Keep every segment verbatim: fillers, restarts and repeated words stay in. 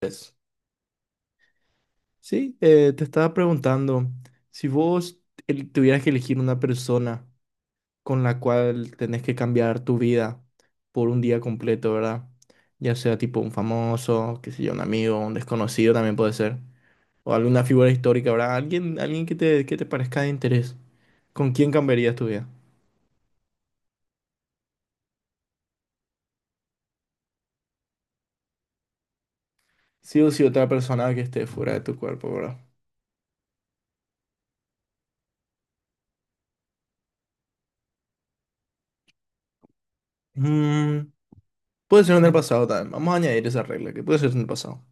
Pues, sí, eh, te estaba preguntando, si vos el- tuvieras que elegir una persona con la cual tenés que cambiar tu vida por un día completo, ¿verdad? Ya sea tipo un famoso, qué sé yo, un amigo, un desconocido también puede ser, o alguna figura histórica, ¿verdad? Alguien, alguien que te, que te parezca de interés. ¿Con quién cambiarías tu vida? Sí o sí otra persona que esté fuera de tu cuerpo, ¿verdad? Mm, puede ser en el pasado también. Vamos a añadir esa regla, que puede ser en el pasado.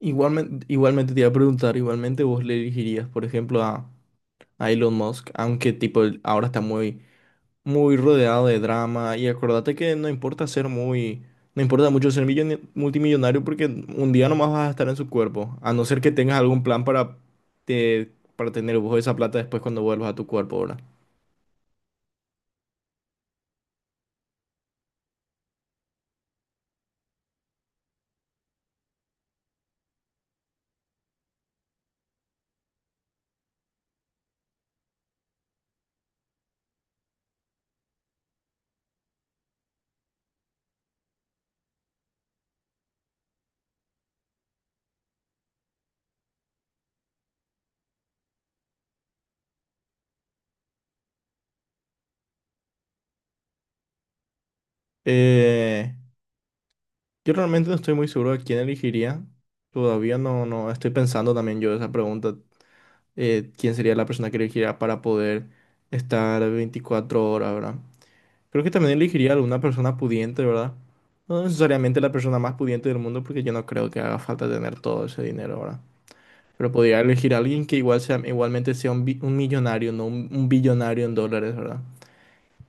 Igualmente, igualmente te iba a preguntar, igualmente vos le dirigirías por ejemplo, a, a Elon Musk, aunque tipo él ahora está muy, muy rodeado de drama y acordate que no importa ser muy, no importa mucho ser milloni- multimillonario porque un día nomás vas a estar en su cuerpo, a no ser que tengas algún plan para, te- para tener vos esa plata después cuando vuelvas a tu cuerpo, ¿verdad? Eh, Yo realmente no estoy muy seguro de quién elegiría. Todavía no, no estoy pensando también yo esa pregunta. Eh, ¿quién sería la persona que elegiría para poder estar veinticuatro horas, ¿verdad? Creo que también elegiría alguna persona pudiente, ¿verdad? No necesariamente la persona más pudiente del mundo, porque yo no creo que haga falta tener todo ese dinero, ¿verdad? Pero podría elegir a alguien que igual sea, igualmente sea un, bi- un millonario, no un, un billonario en dólares, ¿verdad?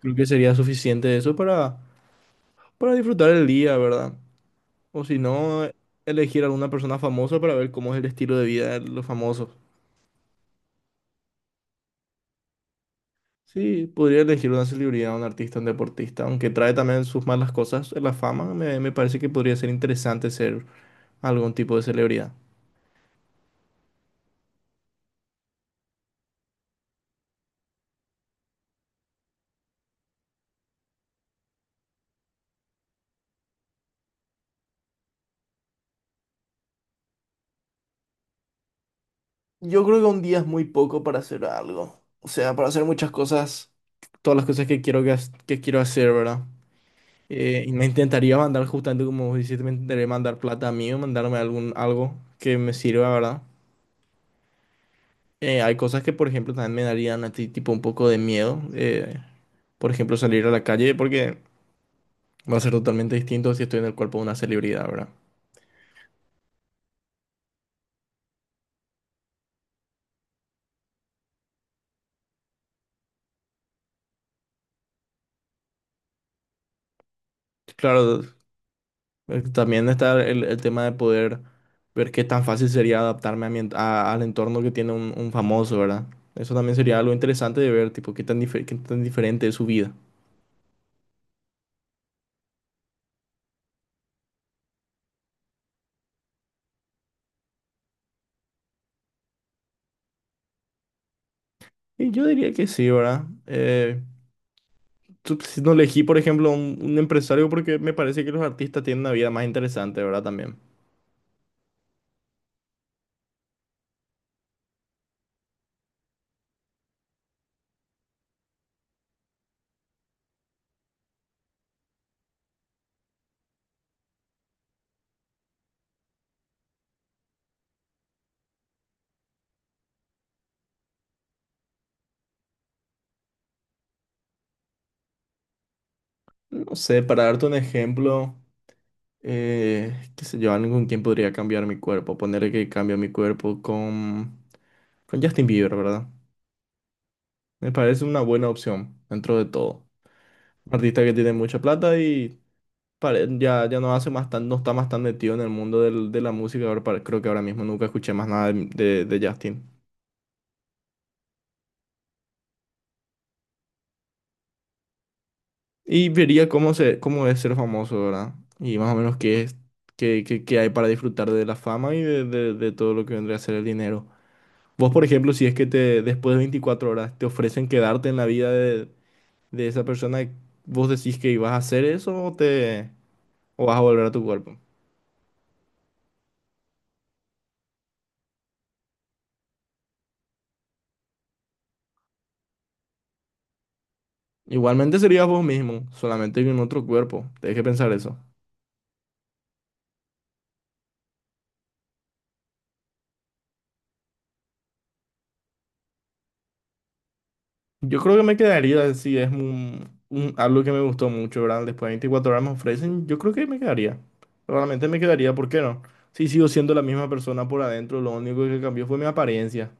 Creo que sería suficiente eso para, para disfrutar el día, ¿verdad? O si no, elegir alguna persona famosa para ver cómo es el estilo de vida de los famosos. Sí, podría elegir una celebridad, un artista, un deportista, aunque trae también sus malas cosas. La fama me, me parece que podría ser interesante ser algún tipo de celebridad. Yo creo que un día es muy poco para hacer algo. O sea, para hacer muchas cosas, todas las cosas que quiero, que, has- que quiero hacer, ¿verdad? Eh, y me intentaría mandar, justamente como vos dijiste, me intentaría mandar plata a mí o mandarme algún, algo que me sirva, ¿verdad? Eh, hay cosas que, por ejemplo, también me darían a ti tipo un poco de miedo. Eh, por ejemplo, salir a la calle porque va a ser totalmente distinto si estoy en el cuerpo de una celebridad, ¿verdad? Claro, eh, también está el, el tema de poder ver qué tan fácil sería adaptarme a mi en- a- al entorno que tiene un, un famoso, ¿verdad? Eso también sería algo interesante de ver, tipo, qué tan, difer- qué tan diferente es su vida. Y yo diría que sí, ¿verdad? Eh, tú- si no elegí, por ejemplo, un, un empresario porque me parece que los artistas tienen una vida más interesante, ¿verdad? También. No sé, para darte un ejemplo, eh, qué sé yo, alguien con quien podría cambiar mi cuerpo. Ponerle que cambio mi cuerpo con, con Justin Bieber, ¿verdad? Me parece una buena opción dentro de todo. Un artista que tiene mucha plata y pare- ya, ya no hace más tan, no está más tan metido en el mundo del- de la música. Ahora, pare- creo que ahora mismo nunca escuché más nada de, de- de Justin. Y vería cómo, se, cómo es ser famoso, ¿verdad? Y más o menos qué es, qué, qué- qué hay para disfrutar de la fama y de, de de todo lo que vendría a ser el dinero. Vos, por ejemplo, si es que te, después de veinticuatro horas te ofrecen quedarte en la vida de, de esa persona, ¿vos decís que ibas a hacer eso o te o vas a volver a tu cuerpo? Igualmente serías vos mismo, solamente en otro cuerpo. Tenés que pensar eso. Yo creo que me quedaría si es un, un- algo que me gustó mucho, ¿verdad? Después de veinticuatro horas me ofrecen, yo creo que me quedaría. Realmente me quedaría, ¿por qué no? Si sigo siendo la misma persona por adentro, lo único que cambió fue mi apariencia.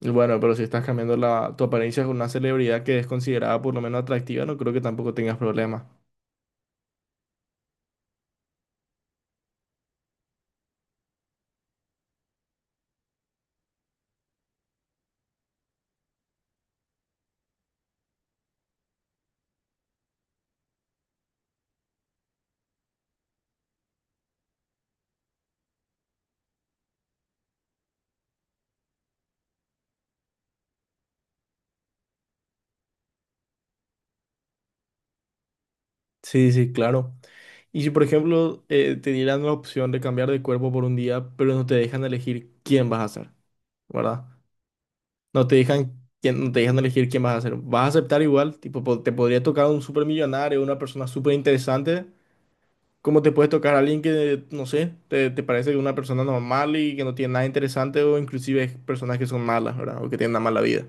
Y bueno, pero si estás cambiando la, tu apariencia con una celebridad que es considerada por lo menos atractiva, no creo que tampoco tengas problemas. Sí, sí, claro. Y si, por ejemplo, eh, te dieran la opción de cambiar de cuerpo por un día, pero no te dejan elegir quién vas a ser, ¿verdad? No te dejan, quién- no te dejan elegir quién vas a ser. ¿Vas a aceptar igual? Tipo, po- te podría tocar un supermillonario, una persona súper interesante. ¿Cómo te puede tocar a alguien que, no sé, te, te parece una persona normal y que no tiene nada interesante o inclusive personas que son malas, ¿verdad? O que tienen una mala vida.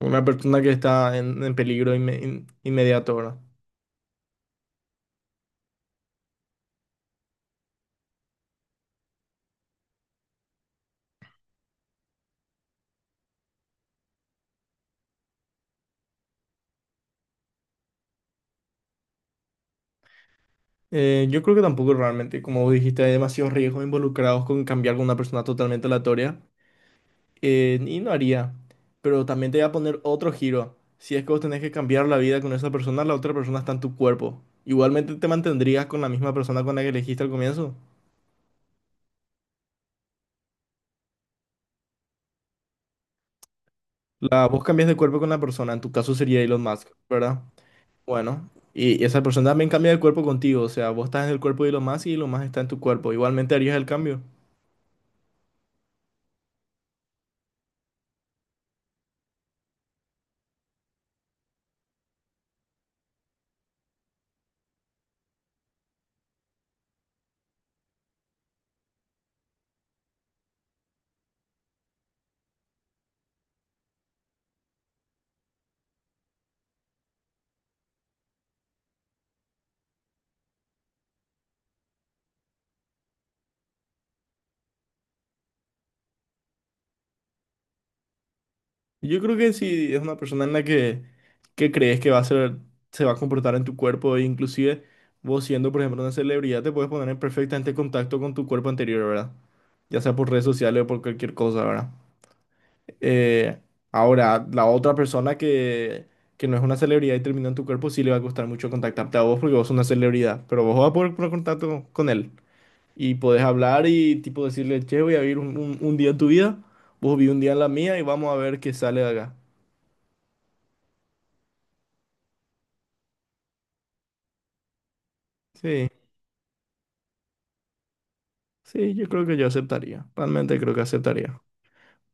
Una persona que está en, en peligro inme- in- inmediato, ¿verdad? Eh, yo creo que tampoco realmente, como vos dijiste, hay demasiados riesgos involucrados con cambiar con una persona totalmente aleatoria. Eh, y no haría. Pero también te voy a poner otro giro. Si es que vos tenés que cambiar la vida con esa persona, la otra persona está en tu cuerpo. Igualmente te mantendrías con la misma persona con la que elegiste al comienzo. La, vos cambias de cuerpo con la persona, en tu caso sería Elon Musk, ¿verdad? Bueno, y esa persona también cambia de cuerpo contigo, o sea, vos estás en el cuerpo de Elon Musk y Elon Musk está en tu cuerpo. Igualmente harías el cambio. Yo creo que si es una persona en la que, que crees que va a ser, se va a comportar en tu cuerpo, e inclusive vos siendo, por ejemplo, una celebridad, te puedes poner en perfectamente contacto con tu cuerpo anterior, ¿verdad? Ya sea por redes sociales o por cualquier cosa, ¿verdad? Eh, Ahora, la otra persona que, que no es una celebridad y terminó en tu cuerpo, sí le va a costar mucho contactarte a vos porque vos sos una celebridad, pero vos vas a poder poner contacto con él y podés hablar y tipo decirle, che, voy a vivir un, un- un día en tu vida, vos viví un día en la mía y vamos a ver qué sale de acá. Sí. Sí, yo creo que yo aceptaría. Realmente creo que aceptaría.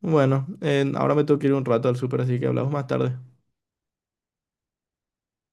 Bueno, eh, ahora me tengo que ir un rato al súper, así que hablamos más tarde.